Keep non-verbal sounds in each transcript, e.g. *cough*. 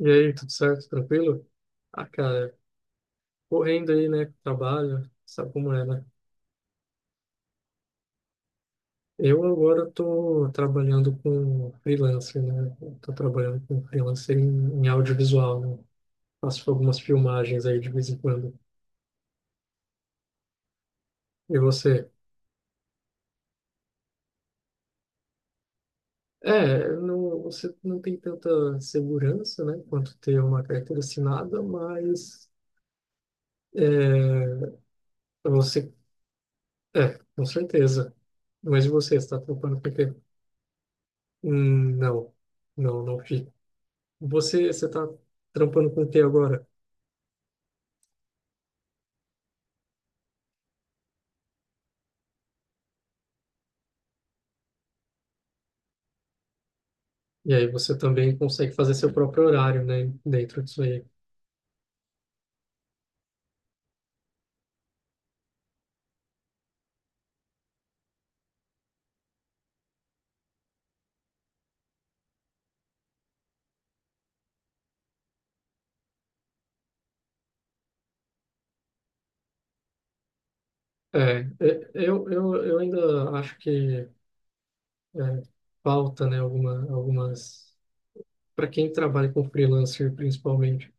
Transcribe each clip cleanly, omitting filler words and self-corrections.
E aí, tudo certo? Tranquilo? Ah, cara, correndo aí, né? Trabalho, sabe como é, né? Eu agora tô trabalhando com freelancer, né? Eu tô trabalhando com freelancer em audiovisual, né? Faço algumas filmagens aí de vez em quando. E você? É, não, você não tem tanta segurança, né? Quanto ter uma carteira assinada, mas é, você... É, com certeza. Mas e você? Está tá trampando porque... Não, não, não fico. Você está trampando com o que agora? E aí você também consegue fazer seu próprio horário, né, dentro disso aí. Eu ainda acho que é, falta, né, algumas. Para quem trabalha com freelancer, principalmente,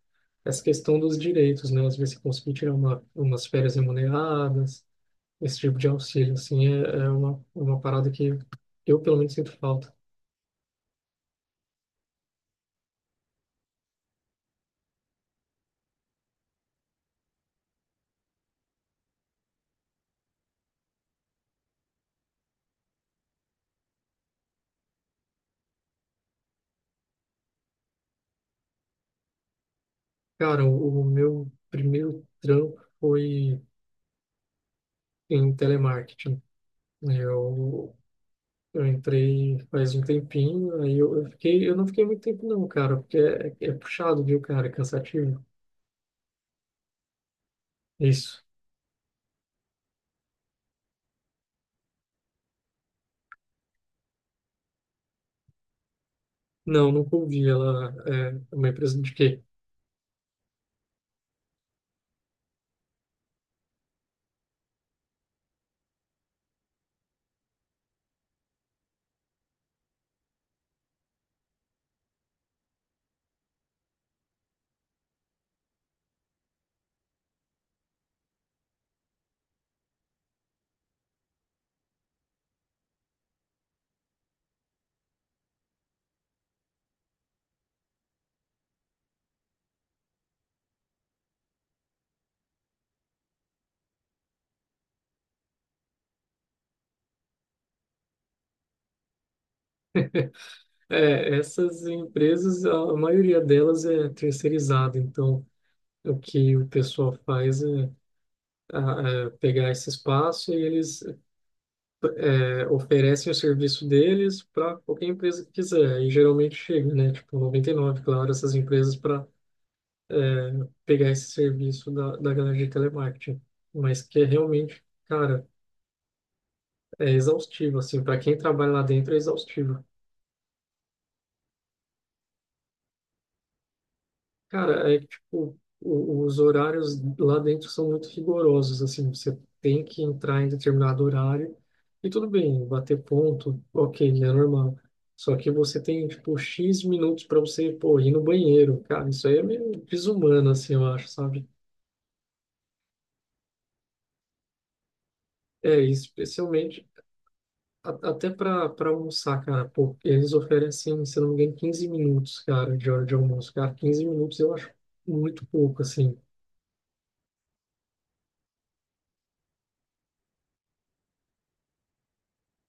essa questão dos direitos, né? Às vezes você conseguir tirar uma, umas férias remuneradas, esse tipo de auxílio, assim, é uma parada que eu, pelo menos, sinto falta. Cara, o meu primeiro trampo foi em telemarketing. Eu, eu entrei faz um tempinho, aí eu não fiquei muito tempo não, cara, porque é puxado, viu, cara, é cansativo. Isso. Não, nunca ouvi, ela é uma empresa de quê? É, essas empresas, a maioria delas é terceirizada, então o que o pessoal faz é, a- é pegar esse espaço e eles oferecem o serviço deles para qualquer empresa que quiser, e geralmente chega, né, tipo 99, Claro, essas empresas para é, pegar esse serviço da galera de telemarketing, mas que é realmente, cara, é exaustivo, assim, para quem trabalha lá dentro é exaustivo. Cara, é que, tipo, os horários lá dentro são muito rigorosos, assim, você tem que entrar em determinado horário e tudo bem, bater ponto, ok, é normal. Só que você tem, tipo, X minutos para você, pô, ir no banheiro, cara, isso aí é meio desumano, assim, eu acho, sabe? É, especialmente até para almoçar, cara, pô, eles oferecem, se não me engano, 15 minutos, cara, de hora de almoço, cara, 15 minutos eu acho muito pouco, assim,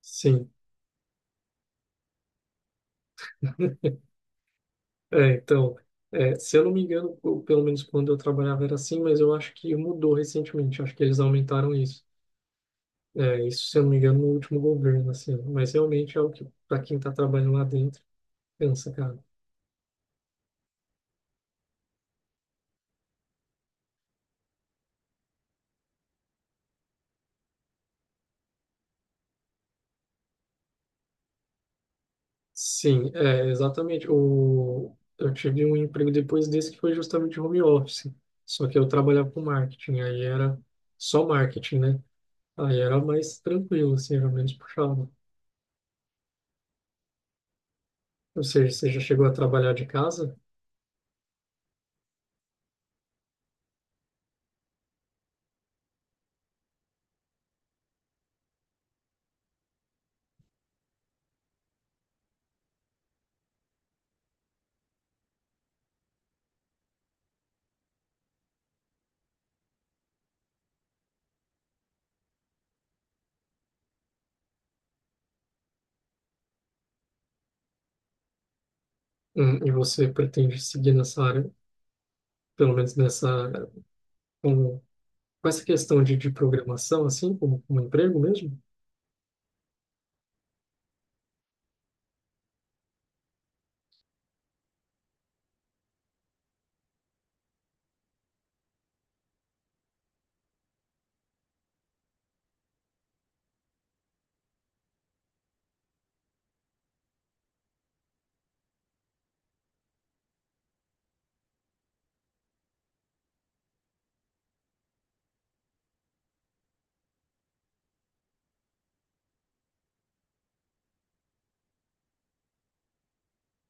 sim. *laughs* É, então, se eu não me engano, pelo menos quando eu trabalhava era assim, mas eu acho que mudou recentemente, acho que eles aumentaram isso. É, isso, se eu não me engano, no último governo, assim, mas realmente é o que, para quem está trabalhando lá dentro, cansa, cara. Sim, é, exatamente. Eu tive um emprego depois desse que foi justamente home office. Só que eu trabalhava com marketing, aí era só marketing, né? Aí era mais tranquilo, assim, era menos puxado. Ou seja, você já chegou a trabalhar de casa, e você pretende seguir nessa área, pelo menos nessa, com, com essa questão de programação, assim, como emprego mesmo?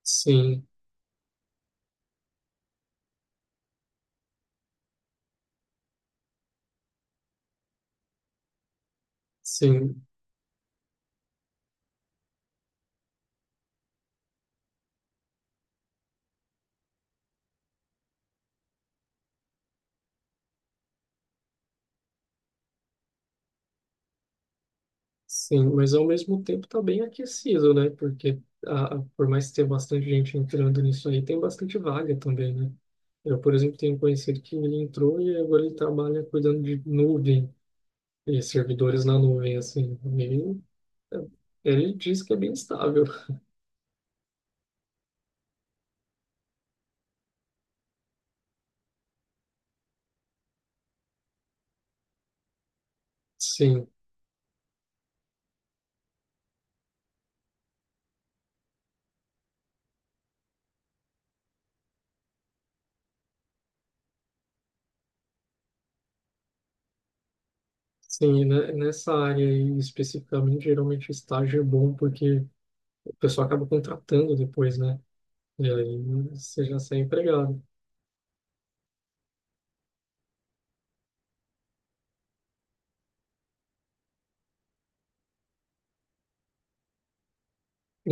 Sim, sim. Sim, mas ao mesmo tempo está bem aquecido, né? Porque por mais que tenha bastante gente entrando nisso aí, tem bastante vaga também, né? Eu, por exemplo, tenho um conhecido que ele entrou e agora ele trabalha cuidando de nuvem e servidores na nuvem, assim. Ele diz que é bem estável. Sim, sim, né? Nessa área aí especificamente, geralmente o estágio é bom porque o pessoal acaba contratando depois, né? E aí você já sai empregado.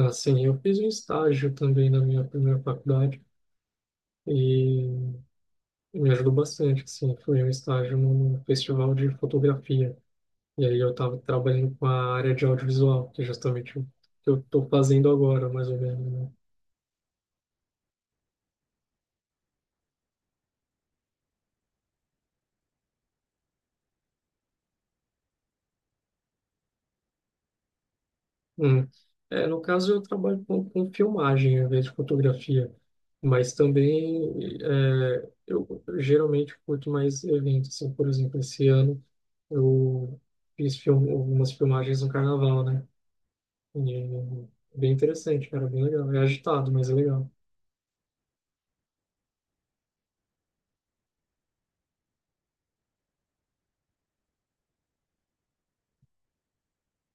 Assim, eu fiz um estágio também na minha primeira faculdade e me ajudou bastante, assim, foi um estágio num festival de fotografia. E aí eu estava trabalhando com a área de audiovisual, que é justamente o que eu estou fazendo agora, mais ou menos, né? Hum. É, no caso, eu trabalho com filmagem em vez de fotografia, mas também eu geralmente curto mais eventos, assim, por exemplo, esse ano eu fiz algumas filmagens no carnaval, né? E é bem interessante, cara, bem legal. É agitado, mas é legal.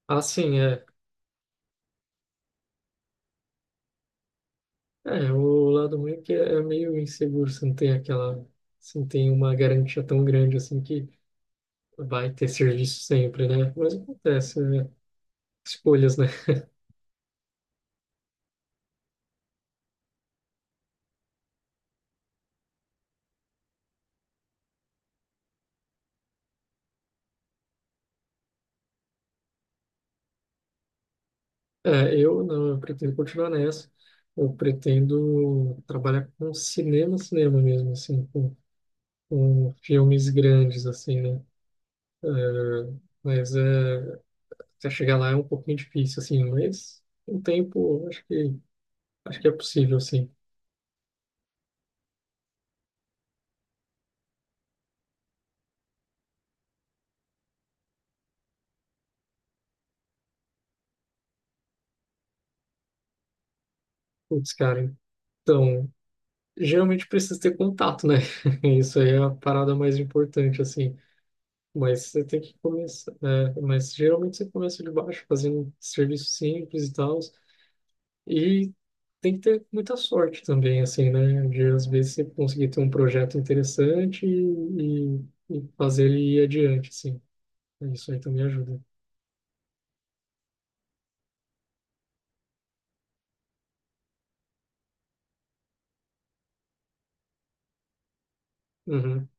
Ah, sim, é. É, o lado ruim é que é meio inseguro, você não tem aquela, você não tem uma garantia tão grande assim que vai ter serviço sempre, né? Mas acontece, né? Escolhas, né? É, eu não, eu pretendo continuar nessa. Eu pretendo trabalhar com cinema, cinema mesmo, assim, com filmes grandes, assim, né? É, mas é. Você chegar lá é um pouquinho difícil, assim, mas com o tempo acho que é possível, assim. Putz, cara, então, geralmente precisa ter contato, né? *laughs* Isso aí é a parada mais importante, assim. Mas você tem que começar, né? Mas geralmente você começa de baixo, fazendo serviço simples e tal. E tem que ter muita sorte também, assim, né? De às vezes você conseguir ter um projeto interessante e fazer ele ir adiante, assim. Isso aí também ajuda. Uhum.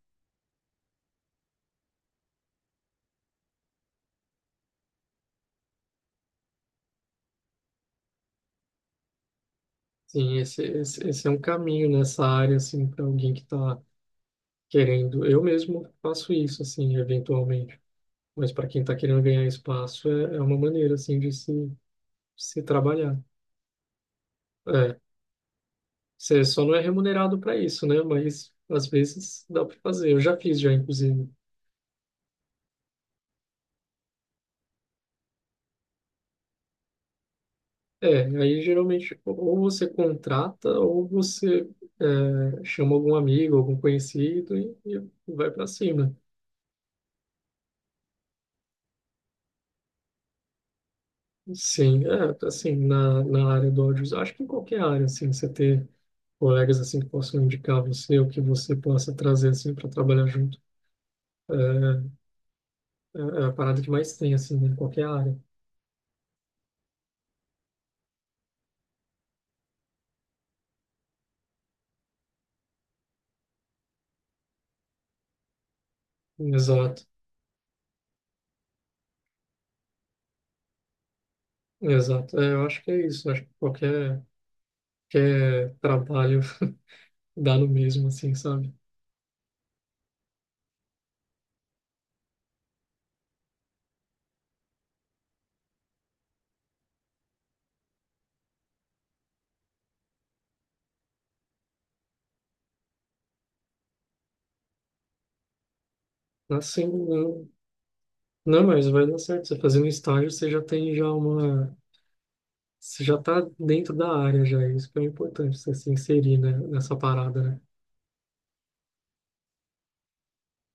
Sim, esse é um caminho nessa área, assim, para alguém que está querendo. Eu mesmo faço isso, assim, eventualmente. Mas para quem está querendo ganhar espaço, é uma maneira, assim, de se trabalhar. É, você só não é remunerado para isso, né? Mas às vezes dá para fazer. Eu já fiz, já, inclusive. É, aí geralmente ou você contrata ou você chama algum amigo, algum conhecido e vai para cima. Sim, é, assim, na área do audiovisual, acho que em qualquer área, assim, você ter colegas, assim, que possam indicar você, ou que você possa trazer, assim, para trabalhar junto, é, é a parada que mais tem, assim, né, em qualquer área. Exato, exato. É, eu acho que é isso, acho que qualquer trabalho *laughs* dá no mesmo, assim, sabe? Assim, não, não, mas vai dar certo, você fazendo estágio, você já tem já uma. Você já tá dentro da área, já, isso que é o importante, você se inserir, né, nessa parada, né?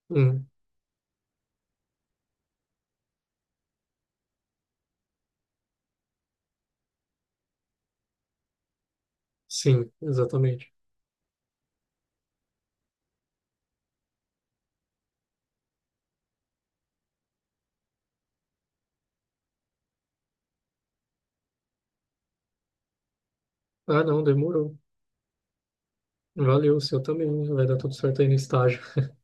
Uhum. Sim, exatamente. Ah, não, demorou. Valeu, o seu também. Vai dar tudo certo aí no estágio. *laughs*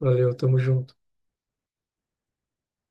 Valeu, tamo junto.